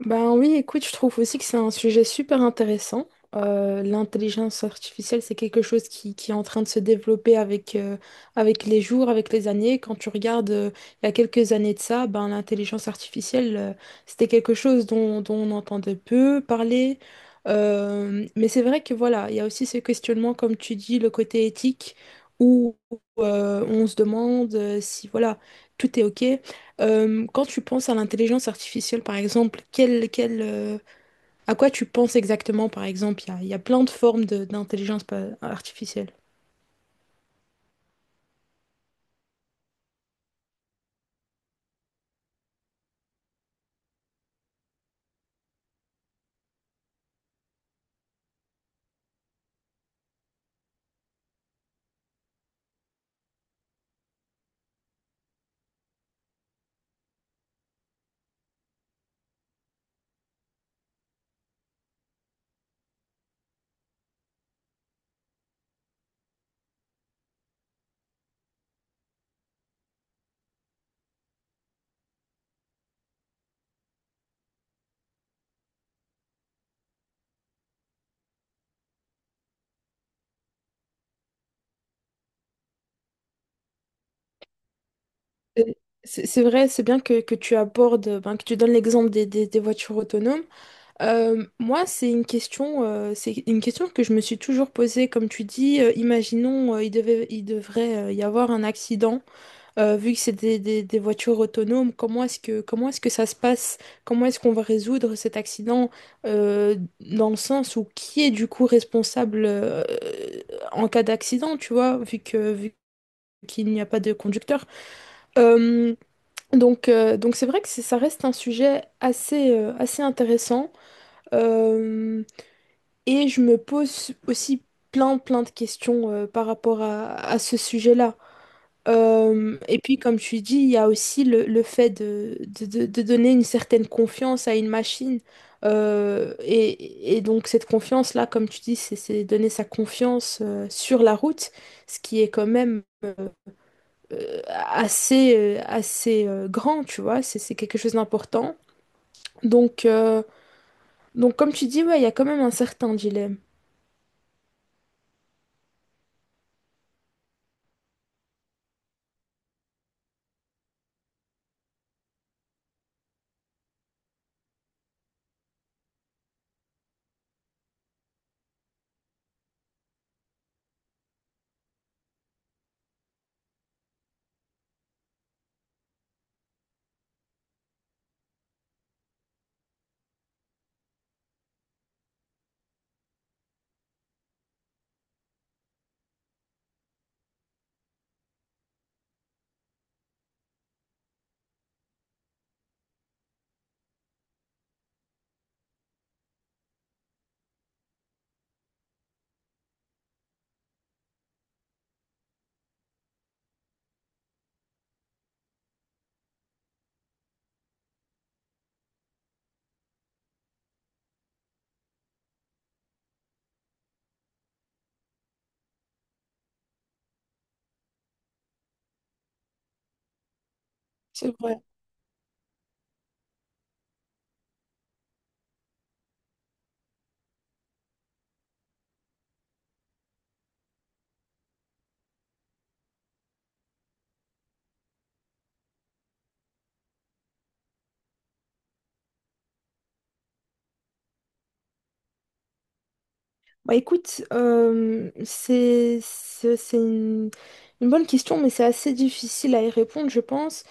Ben oui, écoute, je trouve aussi que c'est un sujet super intéressant. L'intelligence artificielle, c'est quelque chose qui est en train de se développer avec les jours, avec les années. Quand tu regardes, il y a quelques années de ça, ben, l'intelligence artificielle, c'était quelque chose dont on entendait peu parler. Mais c'est vrai que voilà, il y a aussi ce questionnement, comme tu dis, le côté éthique, où on se demande si voilà, tout est OK, quand tu penses à l'intelligence artificielle, par exemple, à quoi tu penses exactement, par exemple? Il y a plein de formes artificielle. Euh, c'est vrai, c'est bien que tu abordes, ben, que tu donnes l'exemple des voitures autonomes. Moi, c'est une question que je me suis toujours posée. Comme tu dis, imaginons, il devrait y avoir un accident. Vu que c'est des voitures autonomes, comment est-ce que ça se passe? Comment est-ce qu'on va résoudre cet accident, dans le sens où qui est du coup responsable en cas d'accident, tu vois, vu qu'il n'y a pas de conducteur. Euh, donc c'est vrai que ça reste un sujet assez intéressant. Euh, et je me pose aussi plein de questions par rapport à ce sujet-là. Et puis, comme tu dis, il y a aussi le fait de donner une certaine confiance à une machine. Et donc, cette confiance-là, comme tu dis, c'est donner sa confiance sur la route, ce qui est quand même assez grand, tu vois, c'est quelque chose d'important. Donc, euh, donc, comme tu dis, ouais, il y a quand même un certain dilemme. C'est vrai. Bah écoute, c'est une bonne question, mais c'est assez difficile à y répondre, je pense.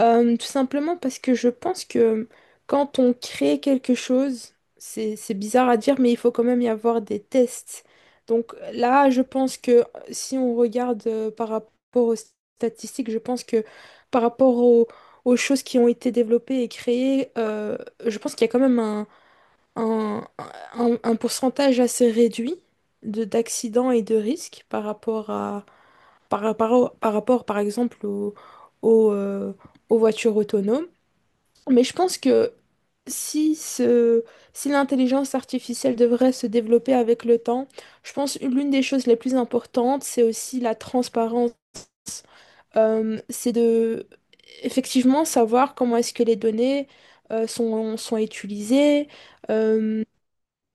Tout simplement parce que je pense que quand on crée quelque chose, c'est bizarre à dire, mais il faut quand même y avoir des tests. Donc là, je pense que si on regarde par rapport aux statistiques, je pense que par rapport aux choses qui ont été développées et créées, je pense qu'il y a quand même un, un pourcentage assez réduit de d'accidents et de risques par rapport à par rapport par exemple au, euh, aux voitures autonomes. Mais je pense que si ce, si l'intelligence artificielle devrait se développer avec le temps, je pense que l'une des choses les plus importantes, c'est aussi la transparence. C'est de effectivement savoir comment est-ce que les données sont utilisées. Euh,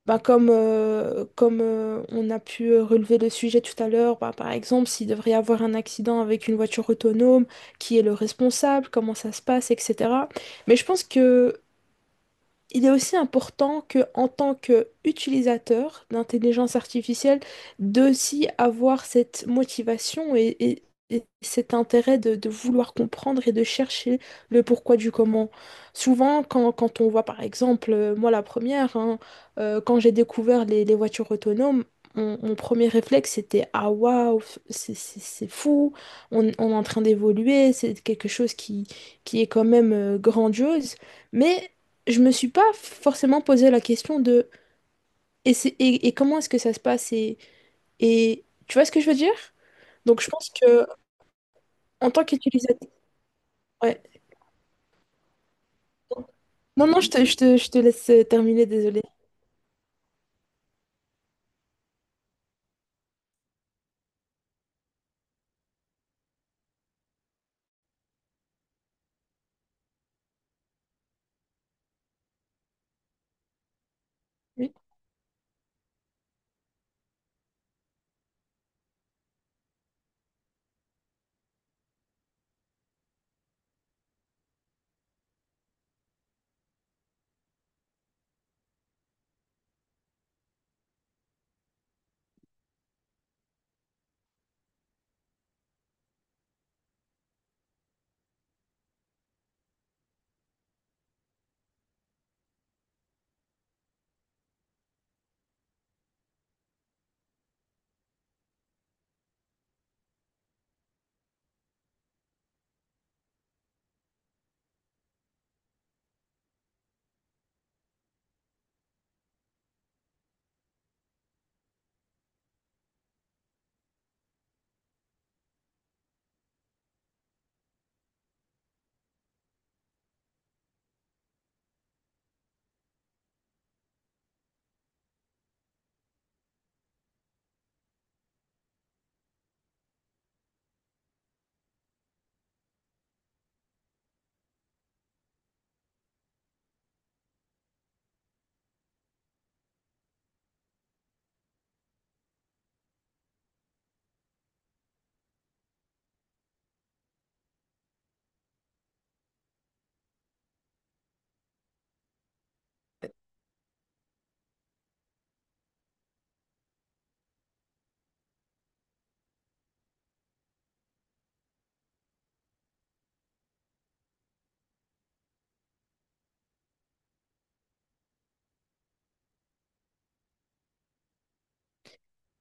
bah, comme on a pu relever le sujet tout à l'heure, bah, par exemple, s'il devrait y avoir un accident avec une voiture autonome, qui est le responsable, comment ça se passe, etc. Mais je pense que il est aussi important que, en tant qu'utilisateur d'intelligence artificielle, d'aussi avoir cette motivation et cet intérêt de vouloir comprendre et de chercher le pourquoi du comment. Souvent, quand on voit, par exemple, moi la première, hein, quand j'ai découvert les voitures autonomes, mon premier réflexe, c'était ah waouh, c'est fou, on est en train d'évoluer, c'est quelque chose qui est quand même grandiose. Mais je me suis pas forcément posé la question de et, et comment est-ce que ça se passe et tu vois ce que je veux dire? Donc je pense que en tant qu'utilisateur, ouais. Non, non, je te laisse terminer, désolé. Oui.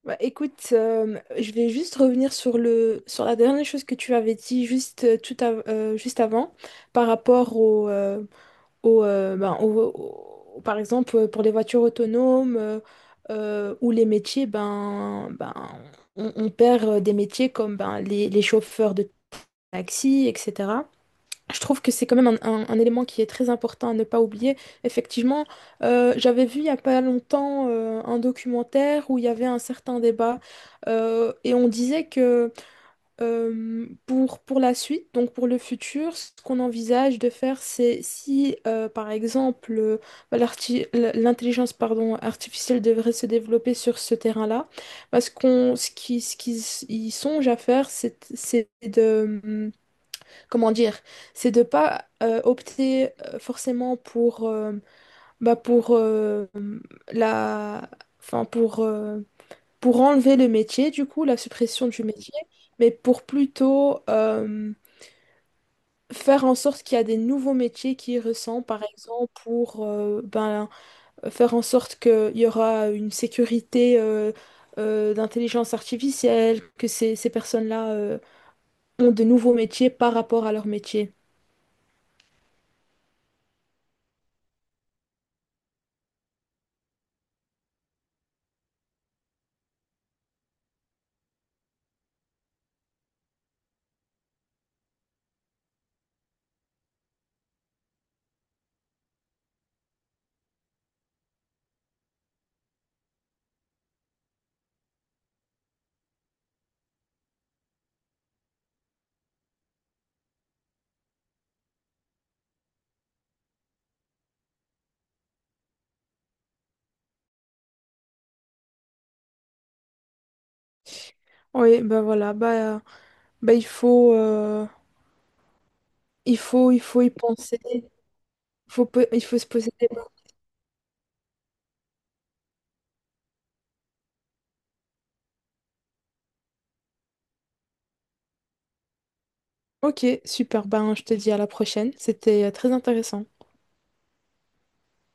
Bah, écoute, je vais juste revenir sur sur la dernière chose que tu avais dit juste, juste avant par rapport au, ben, par exemple, pour les voitures autonomes ou les métiers, ben, on perd des métiers comme ben, les chauffeurs de taxi, etc. Je trouve que c'est quand même un, un élément qui est très important à ne pas oublier. Effectivement, j'avais vu il n'y a pas longtemps un documentaire où il y avait un certain débat et on disait que pour la suite, donc pour le futur, ce qu'on envisage de faire, c'est si, par exemple, bah, l'intelligence pardon, artificielle devrait se développer sur ce terrain-là, bah, ce qu'ils y songent à faire, c'est de, comment dire, c'est de pas opter forcément pour, bah, pour la, enfin pour enlever le métier, du coup, la suppression du métier, mais pour plutôt faire en sorte qu'il y a des nouveaux métiers qui y ressemblent, par exemple, pour ben, faire en sorte qu'il y aura une sécurité d'intelligence artificielle, que ces personnes-là ont de nouveaux métiers par rapport à leur métier. Oui, ben voilà, ben, ben il faut, il faut y penser. Il faut se poser des... Ok, super, ben je te dis à la prochaine. C'était très intéressant.